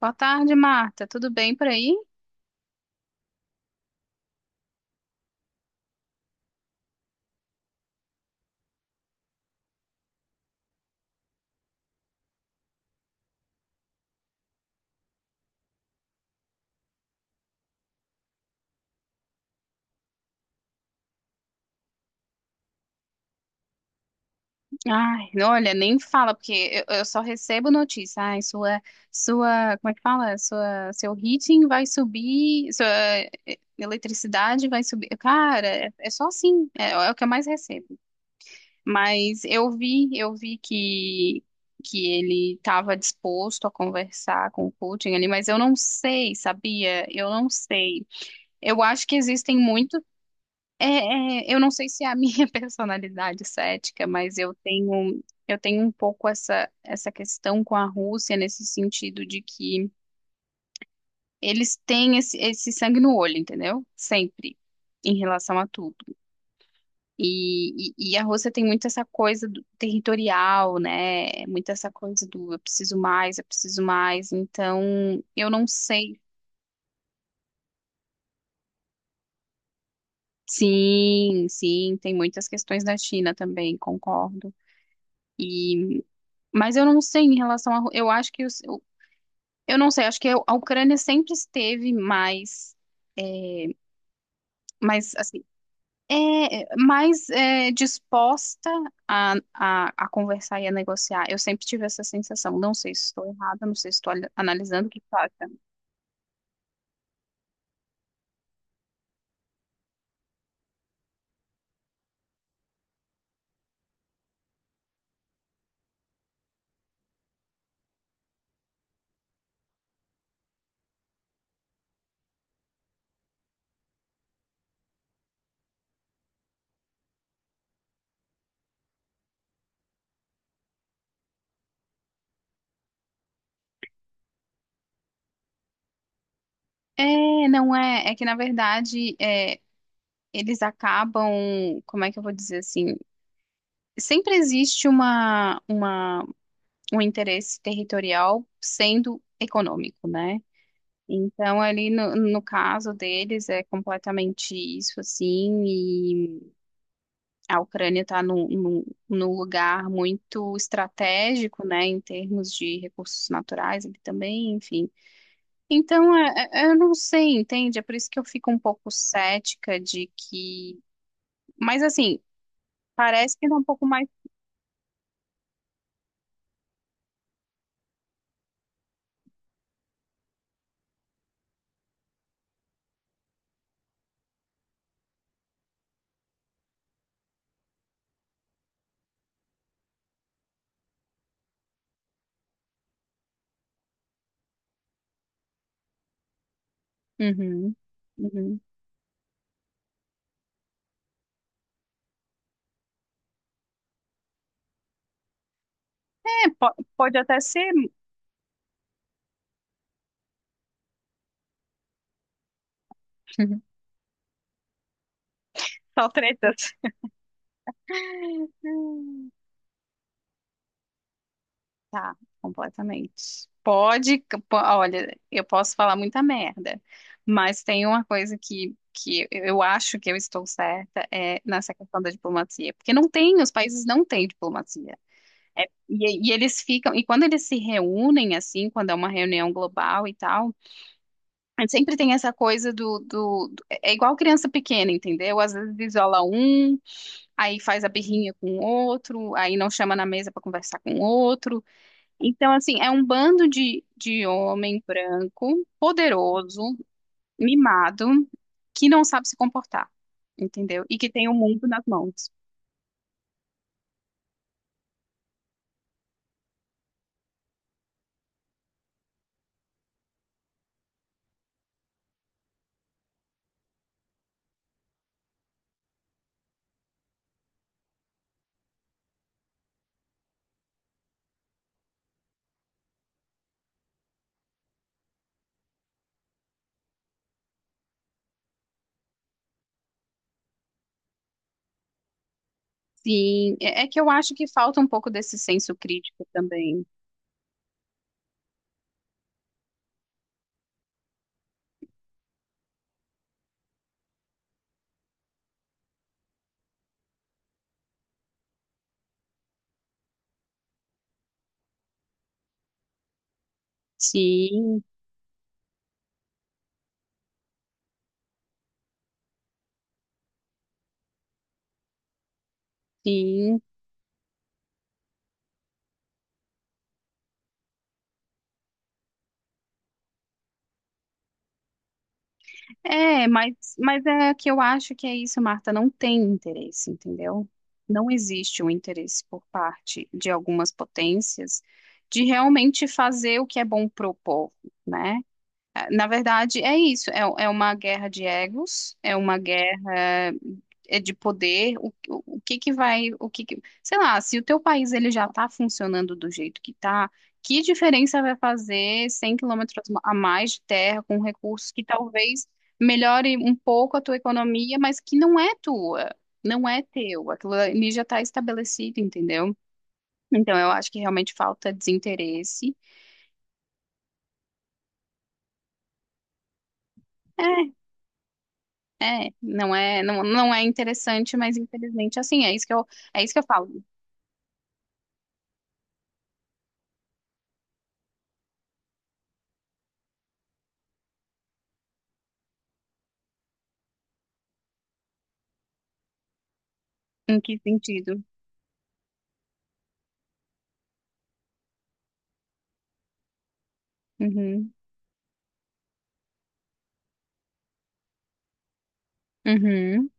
Boa tarde, Marta. Tudo bem por aí? Ai, olha, nem fala, porque eu só recebo notícia. Ai, como é que fala? Sua, seu heating vai subir, sua eh, eletricidade vai subir. Cara, é só assim, é o que eu mais recebo. Mas eu vi que ele estava disposto a conversar com o Putin ali, mas eu não sei, sabia? Eu não sei. Eu acho que existem muitos. É, é, eu não sei se é a minha personalidade cética, mas eu tenho um pouco essa questão com a Rússia nesse sentido de que eles têm esse sangue no olho, entendeu? Sempre em relação a tudo. E a Rússia tem muito essa coisa do territorial, né? Muito essa coisa do eu preciso mais, eu preciso mais. Então, eu não sei. Sim, sim, tem muitas questões da China também, concordo. Mas eu não sei em relação a. Ru- Eu acho que. Os- eu não sei, acho que a Ucrânia sempre esteve mais. Mais, assim. É, mais é, disposta a conversar e a negociar. Eu sempre tive essa sensação. Não sei se estou errada, não sei se estou ali- analisando o que falta. É, não é. É que, na verdade, eles acabam. Como é que eu vou dizer assim? Sempre existe um interesse territorial sendo econômico, né? Então, ali no caso deles, é completamente isso, assim, e a Ucrânia está num lugar muito estratégico, né, em termos de recursos naturais ali também, enfim. Então, eu não sei, entende? É por isso que eu fico um pouco cética de que. Mas, assim, parece que dá um pouco mais. Uhum, uhum. É, po- pode até ser só tretas. Tá, completamente. Pode, po- olha, eu posso falar muita merda, mas tem uma coisa que eu acho que eu estou certa é nessa questão da diplomacia, porque não tem, os países não têm diplomacia. Eles ficam, e quando eles se reúnem, assim, quando é uma reunião global e tal, sempre tem essa coisa é igual criança pequena, entendeu? Às vezes isola um, aí faz a birrinha com o outro, aí não chama na mesa para conversar com o outro. Então, assim, é um bando de homem branco, poderoso, mimado, que não sabe se comportar, entendeu? E que tem o mundo nas mãos. Sim, é é que eu acho que falta um pouco desse senso crítico também. Sim, sim. É, mas é que eu acho que é isso, Marta, não tem interesse, entendeu? Não existe um interesse por parte de algumas potências de realmente fazer o que é bom pro povo, né? Na verdade, é isso. É, é uma guerra de egos, é uma guerra é, de poder. O que que vai, o que que- sei lá, se o teu país ele já está funcionando do jeito que está, que diferença vai fazer 100 quilômetros a mais de terra com recursos que talvez melhore um pouco a tua economia, mas que não é tua, não é teu. Aquilo ali já está estabelecido, entendeu? Então, eu acho que realmente falta desinteresse. É, é, não é, não, não é interessante, mas infelizmente assim, é isso é isso que eu falo. Em que sentido? Uhum, uhum,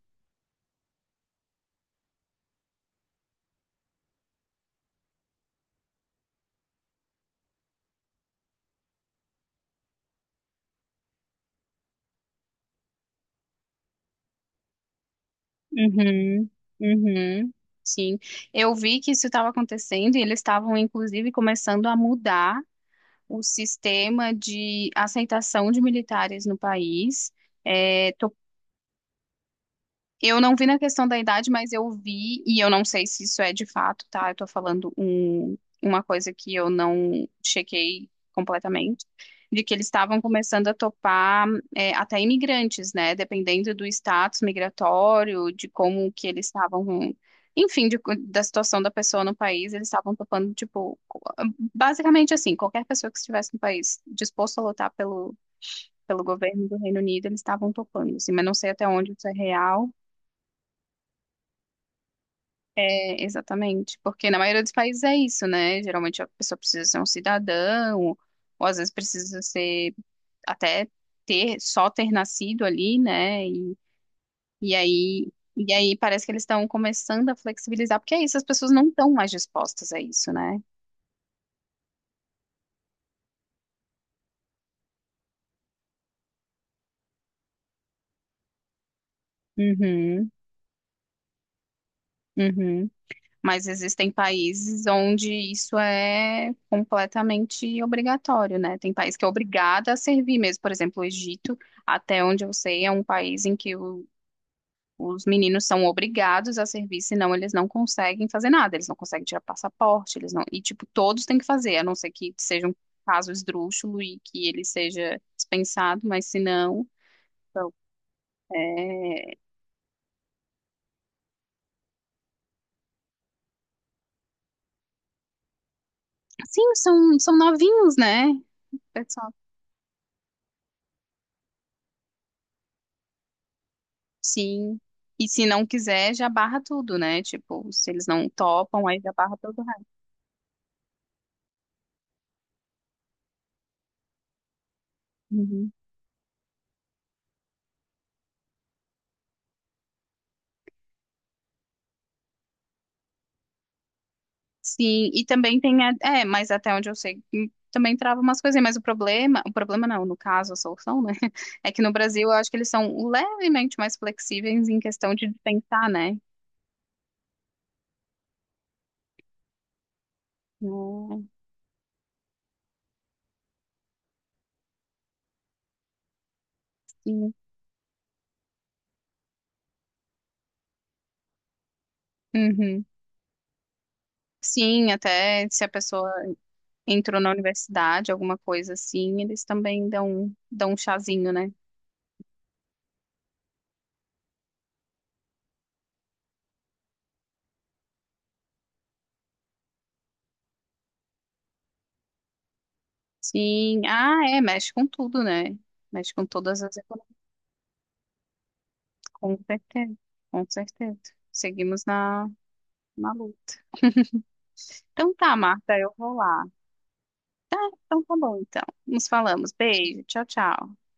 uhum, uhum. Sim. Eu vi que isso estava acontecendo e eles estavam inclusive começando a mudar o sistema de aceitação de militares no país. Eu não vi na questão da idade, mas eu vi, e eu não sei se isso é de fato, tá? Eu tô falando um- uma coisa que eu não chequei completamente, de que eles estavam começando a topar é, até imigrantes, né? Dependendo do status migratório, de como que eles estavam, enfim, de co- da situação da pessoa no país, eles estavam topando, tipo, co- basicamente assim, qualquer pessoa que estivesse no país disposto a lutar pelo, pelo governo do Reino Unido, eles estavam topando, assim, mas não sei até onde isso é real. É, exatamente, porque na maioria dos países é isso, né? Geralmente a pessoa precisa ser um cidadão, ou às vezes precisa ser até ter só ter nascido ali, né? E aí parece que eles estão começando a flexibilizar, porque é isso, as pessoas não estão mais dispostas a isso, né? Uhum, uhum. Mas existem países onde isso é completamente obrigatório, né? Tem país que é obrigado a servir mesmo, por exemplo, o Egito, até onde eu sei, é um país em que os meninos são obrigados a servir, senão eles não conseguem fazer nada, eles não conseguem tirar passaporte, eles não. E, tipo, todos têm que fazer, a não ser que seja um caso esdrúxulo e que ele seja dispensado, mas se não. Então, é... Sim, são, são novinhos, né? Pessoal, sim. E se não quiser, já barra tudo, né? Tipo, se eles não topam, aí já barra todo o resto. Uhum. Sim, e também tem, a- é, mas até onde eu sei, também trava umas coisinhas, mas o problema não, no caso, a solução, né, é que no Brasil eu acho que eles são levemente mais flexíveis em questão de dispensar, né? Hum, sim, uhum. Sim, até se a pessoa entrou na universidade, alguma coisa assim, eles também dão, dão um chazinho, né? Sim, ah, é, mexe com tudo, né? Mexe com todas as economias, com certeza, com certeza. Seguimos na, na luta. Então tá, Marta, eu vou lá. Então tá bom, então. Nos falamos. Beijo. Tchau, tchau.